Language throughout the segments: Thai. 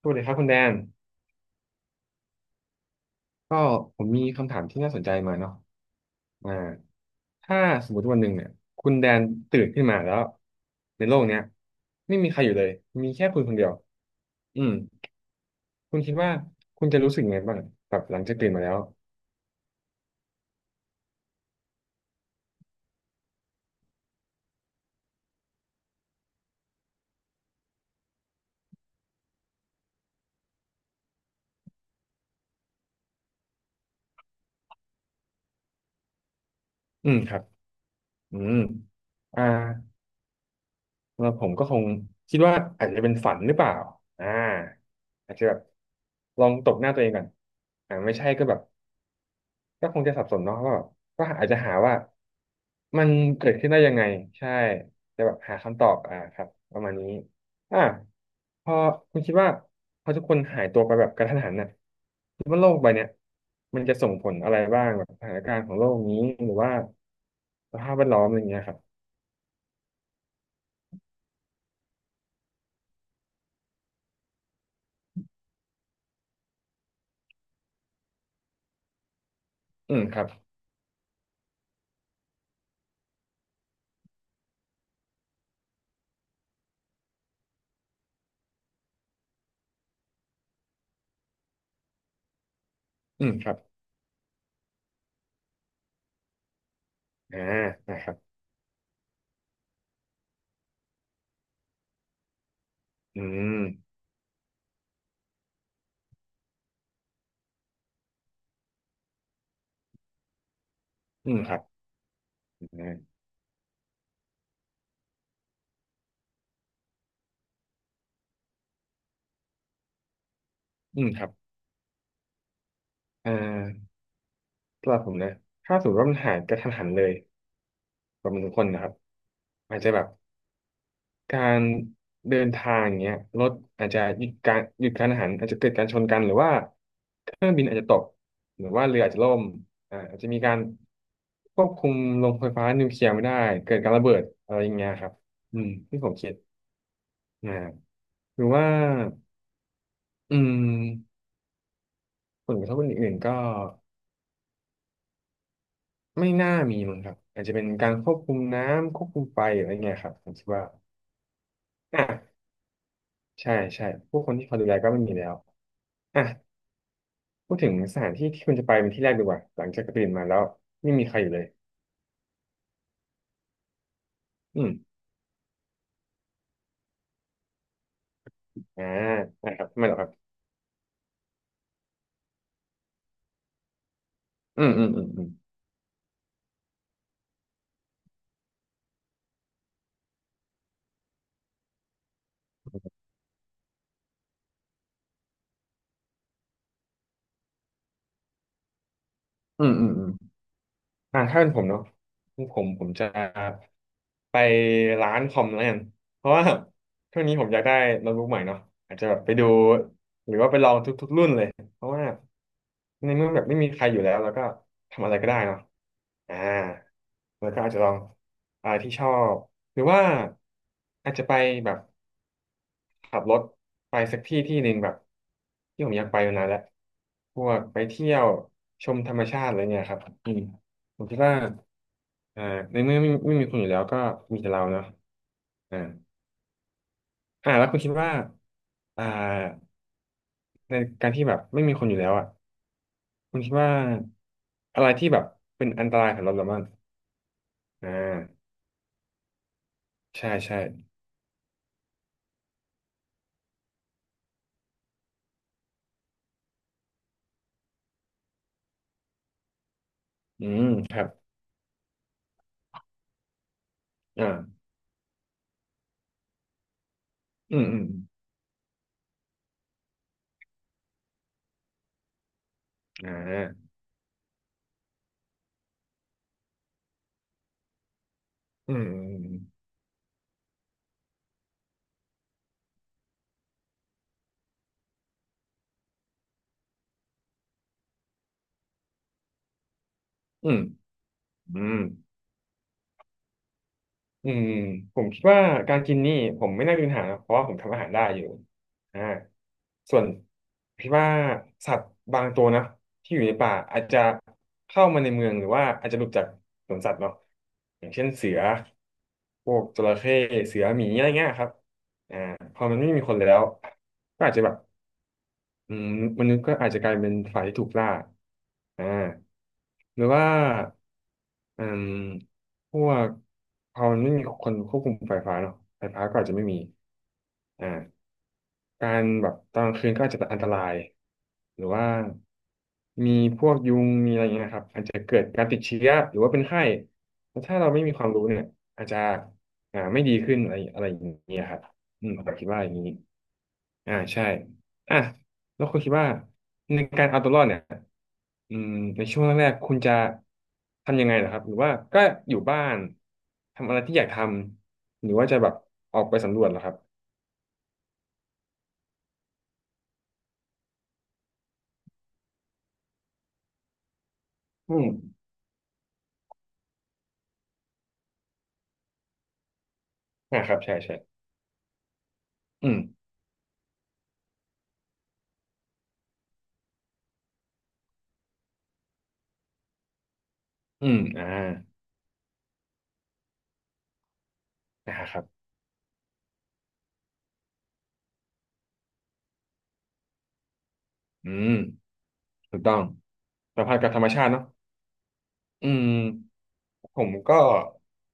สวัสดีครับคุณแดนก็ผมมีคำถามที่น่าสนใจมาเนาะอ่าถ้าสมมติวันหนึ่งเนี่ยคุณแดนตื่นขึ้นมาแล้วในโลกเนี้ยไม่มีใครอยู่เลยมีแค่คุณคนเดียวอืมคุณคิดว่าคุณจะรู้สึกยังไงบ้างแบบหลังจากตื่นมาแล้วอืมครับอืมอ่าแล้วผมก็คงคิดว่าอาจจะเป็นฝันหรือเปล่าอ่าอาจจะแบบลองตบหน้าตัวเองก่อนไม่ใช่ก็แบบ ก็คงจะสับสนเนาะว่าแบบก็อาจจะหาว่ามันเกิดขึ้นได้ยังไงใช่จะแบบหาคำตอบอ่าครับประมาณนี้อ่าพอคุณคิดว่าพอทุกคนหายตัวไปแบบกระทันหันน่ะคิดว่าโลกใบเนี้ยมันจะส่งผลอะไรบ้างแบบสถานการณ์ของโลกนี้หรือว่าสภาพแวดล้อมอะไรเงี้ยครับอืมครับอืมครับอ่านะครับอืมอืมครับอ่าอืมครับอ่าสำหรับผมนะถ้าสมมติว่ามันหายกระทันหันเลยแบบมันทุกคนนะครับอาจจะแบบ การเดินทางอย่างเงี้ยรถอาจจะหยุดการหยุดกานอาหารอาจจะเกิดการชนกันหรือว่าเครื่องบินอาจจะตกหรือว่าเรืออาจจะล่มอาจจะมีการควบคุมโรงไฟฟ้านิวเคลียร์ไม่ได้เกิดการระเบิดอะไรอย่างเงี้ยครับอืมที่ผมคิดนะหรือว่าอืมผลกระทบอื่นๆก็ไม่น่ามีมั้งครับอาจจะเป็นการควบคุมน้ำควบคุมไฟอะไรเงี้ยครับผมคิดว่าอ่ะใช่ใช่ผู้คนที่เขาดูแลก็ไม่มีแล้วอ่ะ พูดถึงสถานที่ที่คุณจะไปเป็นที่แรกดีกว่าหลังจากตื่นมาแล้วไม่มีใครอยู่เลยอืมอ่านะครับไม่หรอกครับอืมอืมอืมอืมอืมอืมอืมถ้าเป็นผมเนาะผผมจะไปร้านคอมแล้วกันเพราะว่าช่วงนี้ผมอยากได้โน้ตบุ๊กใหม่เนาะอาจจะแบบไปดูหรือว่าไปลองทุกๆรุ่นเลยเพราะว่าในเมื่อแบบไม่มีใครอยู่แล้วแล้วก็ทำอะไรก็ได้เนาะอ่าแล้วก็อาจจะลองที่ชอบหรือว่าอาจจะไปแบบ ขับรถไปสักที่ที่หนึ่งแบบที่ผมอยากไปมานานแล้วพวกไปเที่ยวชมธรรมชาติอะไรเงี้ยครับอืมผมคิดว่าอ่าในเมื่อไม่มีคุณอยู่แล้วก็มีแต่เราเนาะอ่าแล้วคุณคิดว่าอ่าในการที่แบบไม่มีคนอยู่แล้วอ่ะคุณคิดว่าอะไรที่แบบเป็นอันตรายสำหรับเราบ้างอ่าใช่ใช่อืมครับอ่าอืมอืมอืมอืมอืมอืมอืม อืมผมคิดว่าการกินนี่ผมไม่น่ามีปัญหานะเพราะว่าผมทำอาหารได้อยู่อ่าส่วนคิดว่าสัตว์บางตัวนะที่อยู่ในป่าอาจจะเข้ามาในเมืองหรือว่าอาจจะหลุดจากสวนสัตว์เนาะอย่างเช่นเสือพวกจระเข้เสือหมีอะไรเงี้ยครับพอมันไม่มีคนแล้วก็อาจจะแบบ อืมมนุษย์ก็อาจจะกลายเป็นฝ่ายที่ถูกล่าอ่าหรือว่าอืมพวกพอมันไม่มีคนควบคุมไฟฟ้าเนาะไฟฟ้าก็อาจจะไม่มีอ่า การแบบตอนกลางคืนก็อาจจะอันตรายหรือว่ามีพวกยุงมีอะไรอย่างเงี้ยนะครับอาจจะเกิดการติดเชื้อหรือว่าเป็นไข้แล้วถ้าเราไม่มีความรู้เนี่ยอาจจะไม่ดีขึ้นอะไรอะไรอย่างเงี้ยครับอืมผมคิดว่าอย่างนี้อ่าใช่อ่ะแล้วคุณคิดว่าในการเอาตัวรอดเนี่ยอืมในช่วงแรกๆคุณจะทำยังไงเหรอครับหรือว่าก็อยู่บ้านทำอะไรที่อยากทำหรือว่าจะแบบออกไปสำรวจเหรอครับอืมครับใช่ใช่ อืม อืมนะครับอืมถูกต้องสัมพันธ์กับธรรมชาติเนาะอืม ผมก็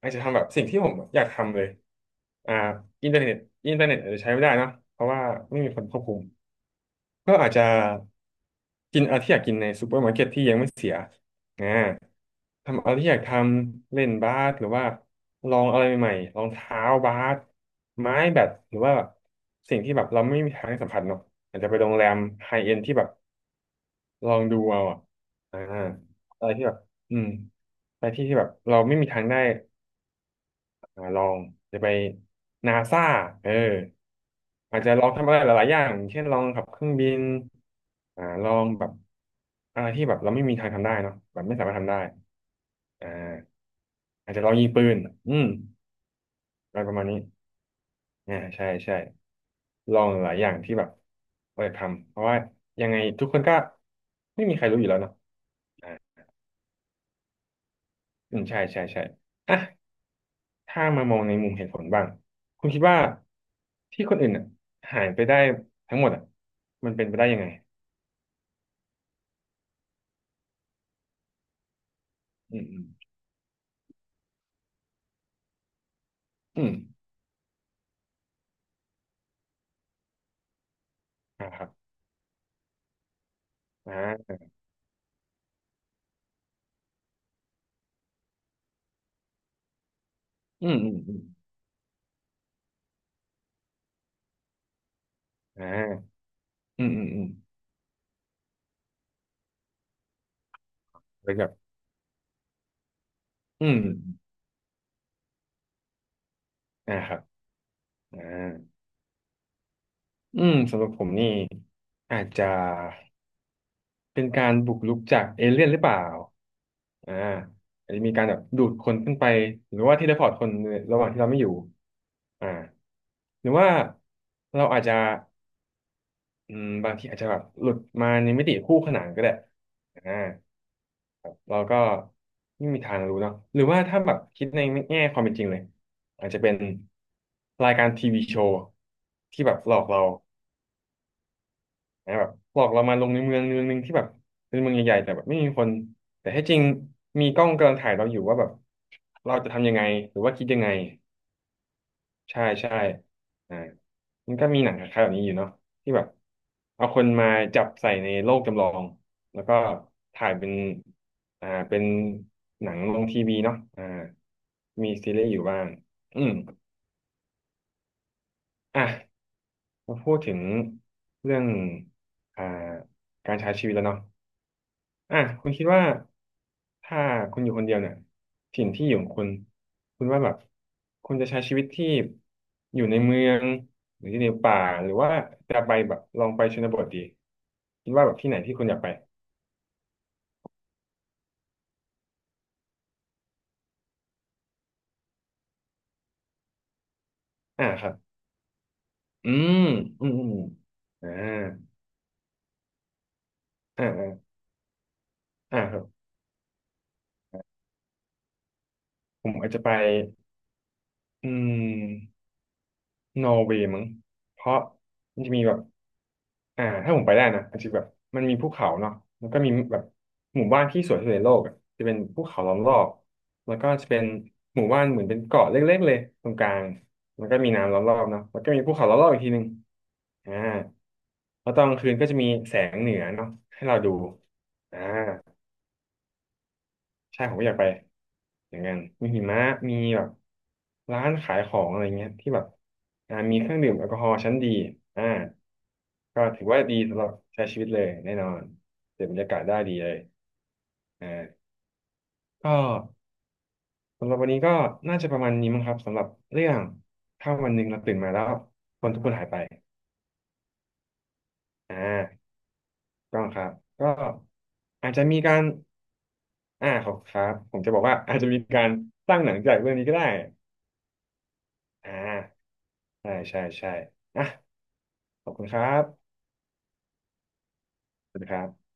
อาจจะทำแบบสิ่งที่ผมอยากทำเลย อ่า อินเทอร์เน็ตอินเทอร์เน็ตอาจจะใช้ไม่ได้เนอะเพราะว่าไม่มีคนควบคุม ก็อาจจะกินอะไรที่อยากกินในซูเปอร์มาร์เก็ตที่ยังไม่เสียอ่าทำอะไรที่อยากทำเล่นบาสหรือว่าลองอะไรใหม่ๆรองเท้าบาสไม้แบดหรือว่าแบบสิ่งที่แบบเราไม่มีทางสัมผัสเนาะอาจจะไปโรงแรมไฮเอ็นที่แบบลองดูเอาอะอ่าอะไรที่แบบอืมไปที่ที่แบบเราไม่มีทางได้ลองจะไปนาซาเออ อาจจะลองทำอะไรหลายๆอย่างเช่นลองขับเครื่องบินลองแบบอะไรที่แบบเราไม่มีทางทำได้เนาะแบบไม่สามารถทำได้อ่าอาจจะลองยิงปืนอืมอะไรประมาณนี้ใช่ใช่ลองหลายอย่างที่แบบเรายทำเพราะว่ายังไงทุกคนก็ไม่มีใครรู้อยู่แล้วเนาะอ่าอืมใช่ใช่ใช่อ่ะถ้ามามองในมุมเหตุผลบ้าง คุณคิดว่าที่คนอื่นหายไปได้ทั้งหมดมันเป็นไปได้ยังไงอืมอืมอืมอ่าครับ อ่าอืมอืมอืมอ่าอืมอืมอืมเป็นแบบอืมอ่าครับอ่าสำหรับผมนี่อาจจะเป็นการบุกรุกจากเอเลี่ยนหรือเปล่าอ่าอาจจะมีการแบบดูดคนขึ้นไปหรือว่าเทเลพอร์ตคนระหว่างที่เราไม่อยู่อ่าหรือว่าเราอาจจะบางทีอาจจะแบบหลุดมาในมิติคู่ขนานก็ได้อ่า เราก็ไม่มีทางรู้เนาะหรือว่าถ้าแบบคิดในแง่ความเป็นจริงเลยอาจจะเป็นรายการทีวีโชว์ที่แบบหลอกเรานะแบบหลอกเรามาลงในเมืองเมืองหนึงที่แบบเป็นเมืองใหญ่ๆแต่แบบไม่มีคนแต่ให้จริงมีกล้องกำลังถ่ายเราอยู่ว่าแบบเราจะทำยังไงหรือว่าคิดยังไง ใช่ใช่อ่ามันก็มีหนังคล้ายๆแบบนี้อยู่เนาะที่แบบเอาคนมาจับใส่ในโลกจำลองแล้วก็ถ่ายเป็นเป็นหนังลงทีวีเนาะมีซีรีส์อยู่บ้างอืมอ่ะมาพูดถึงเรื่องอ่าการใช้ชีวิตแล้วเนาะ คุณคิดว่าถ้าคุณอยู่คนเดียวเนี่ยถิ่นที่อยู่ของคุณคุณว่าแบบคุณจะใช้ชีวิตที่อยู่ในเมืองหรืออยู่ในป่าหรือว่าจะไปแบบลองไปชนบทดีคิดว่าแบบที่ไหนที่คุณอยากไปอ่าครับอืมอืมอืมอ่าอ่าอ่าอ่าครับผมอาจจะไปอืมนอร์เวย์มั้งเพราะมันจะมีแบบ ถ้าผมไปได้นะอาจจะแบบมันมีภูเขาเนาะแล้วก็มีแบบหมู่บ้านที่สวยที่สุดในโลกอะจะเป็นภูเขาล้อมรอบแล้วก็จะเป็นหมู่บ้านเหมือนเป็นเกาะเล็กๆเลยตรงกลางแล้วก็มีน้ำล้อมรอบเนาะแล้วก็มีภูเขาล้อมรอบอีกทีหนึ่งอ่าแล้วตอนกลางคืนก็จะมีแสงเหนือเนาะให้เราดูอ่า ใช่ผมก็อยากไปอย่างนั้นมีหิมะมีแบบร้านขายของอะไรเงี้ยที่แบบมีเครื่องดื่มแอลกอฮอล์ชั้นดีอ่าก็ถือว่าดีสำหรับใช้ชีวิตเลยแน่นอนเสพบรรยากาศได้ดีเลยอ่าก็สำหรับวันนี้ก็น่าจะประมาณนี้มั้งครับสำหรับเรื่องถ้าวันหนึ่งเราตื่นมาแล้วคนทุกคนหายไปอ่าก็ครับก็อาจจะมีการขอบคุณครับผมจะบอกว่าอาจจะมีการสร้างหนังจากเรื่องนี้ก็ได้อ่า ใช่ใช่ใช่อ่ะขอบคุณครับสวัสดีครับ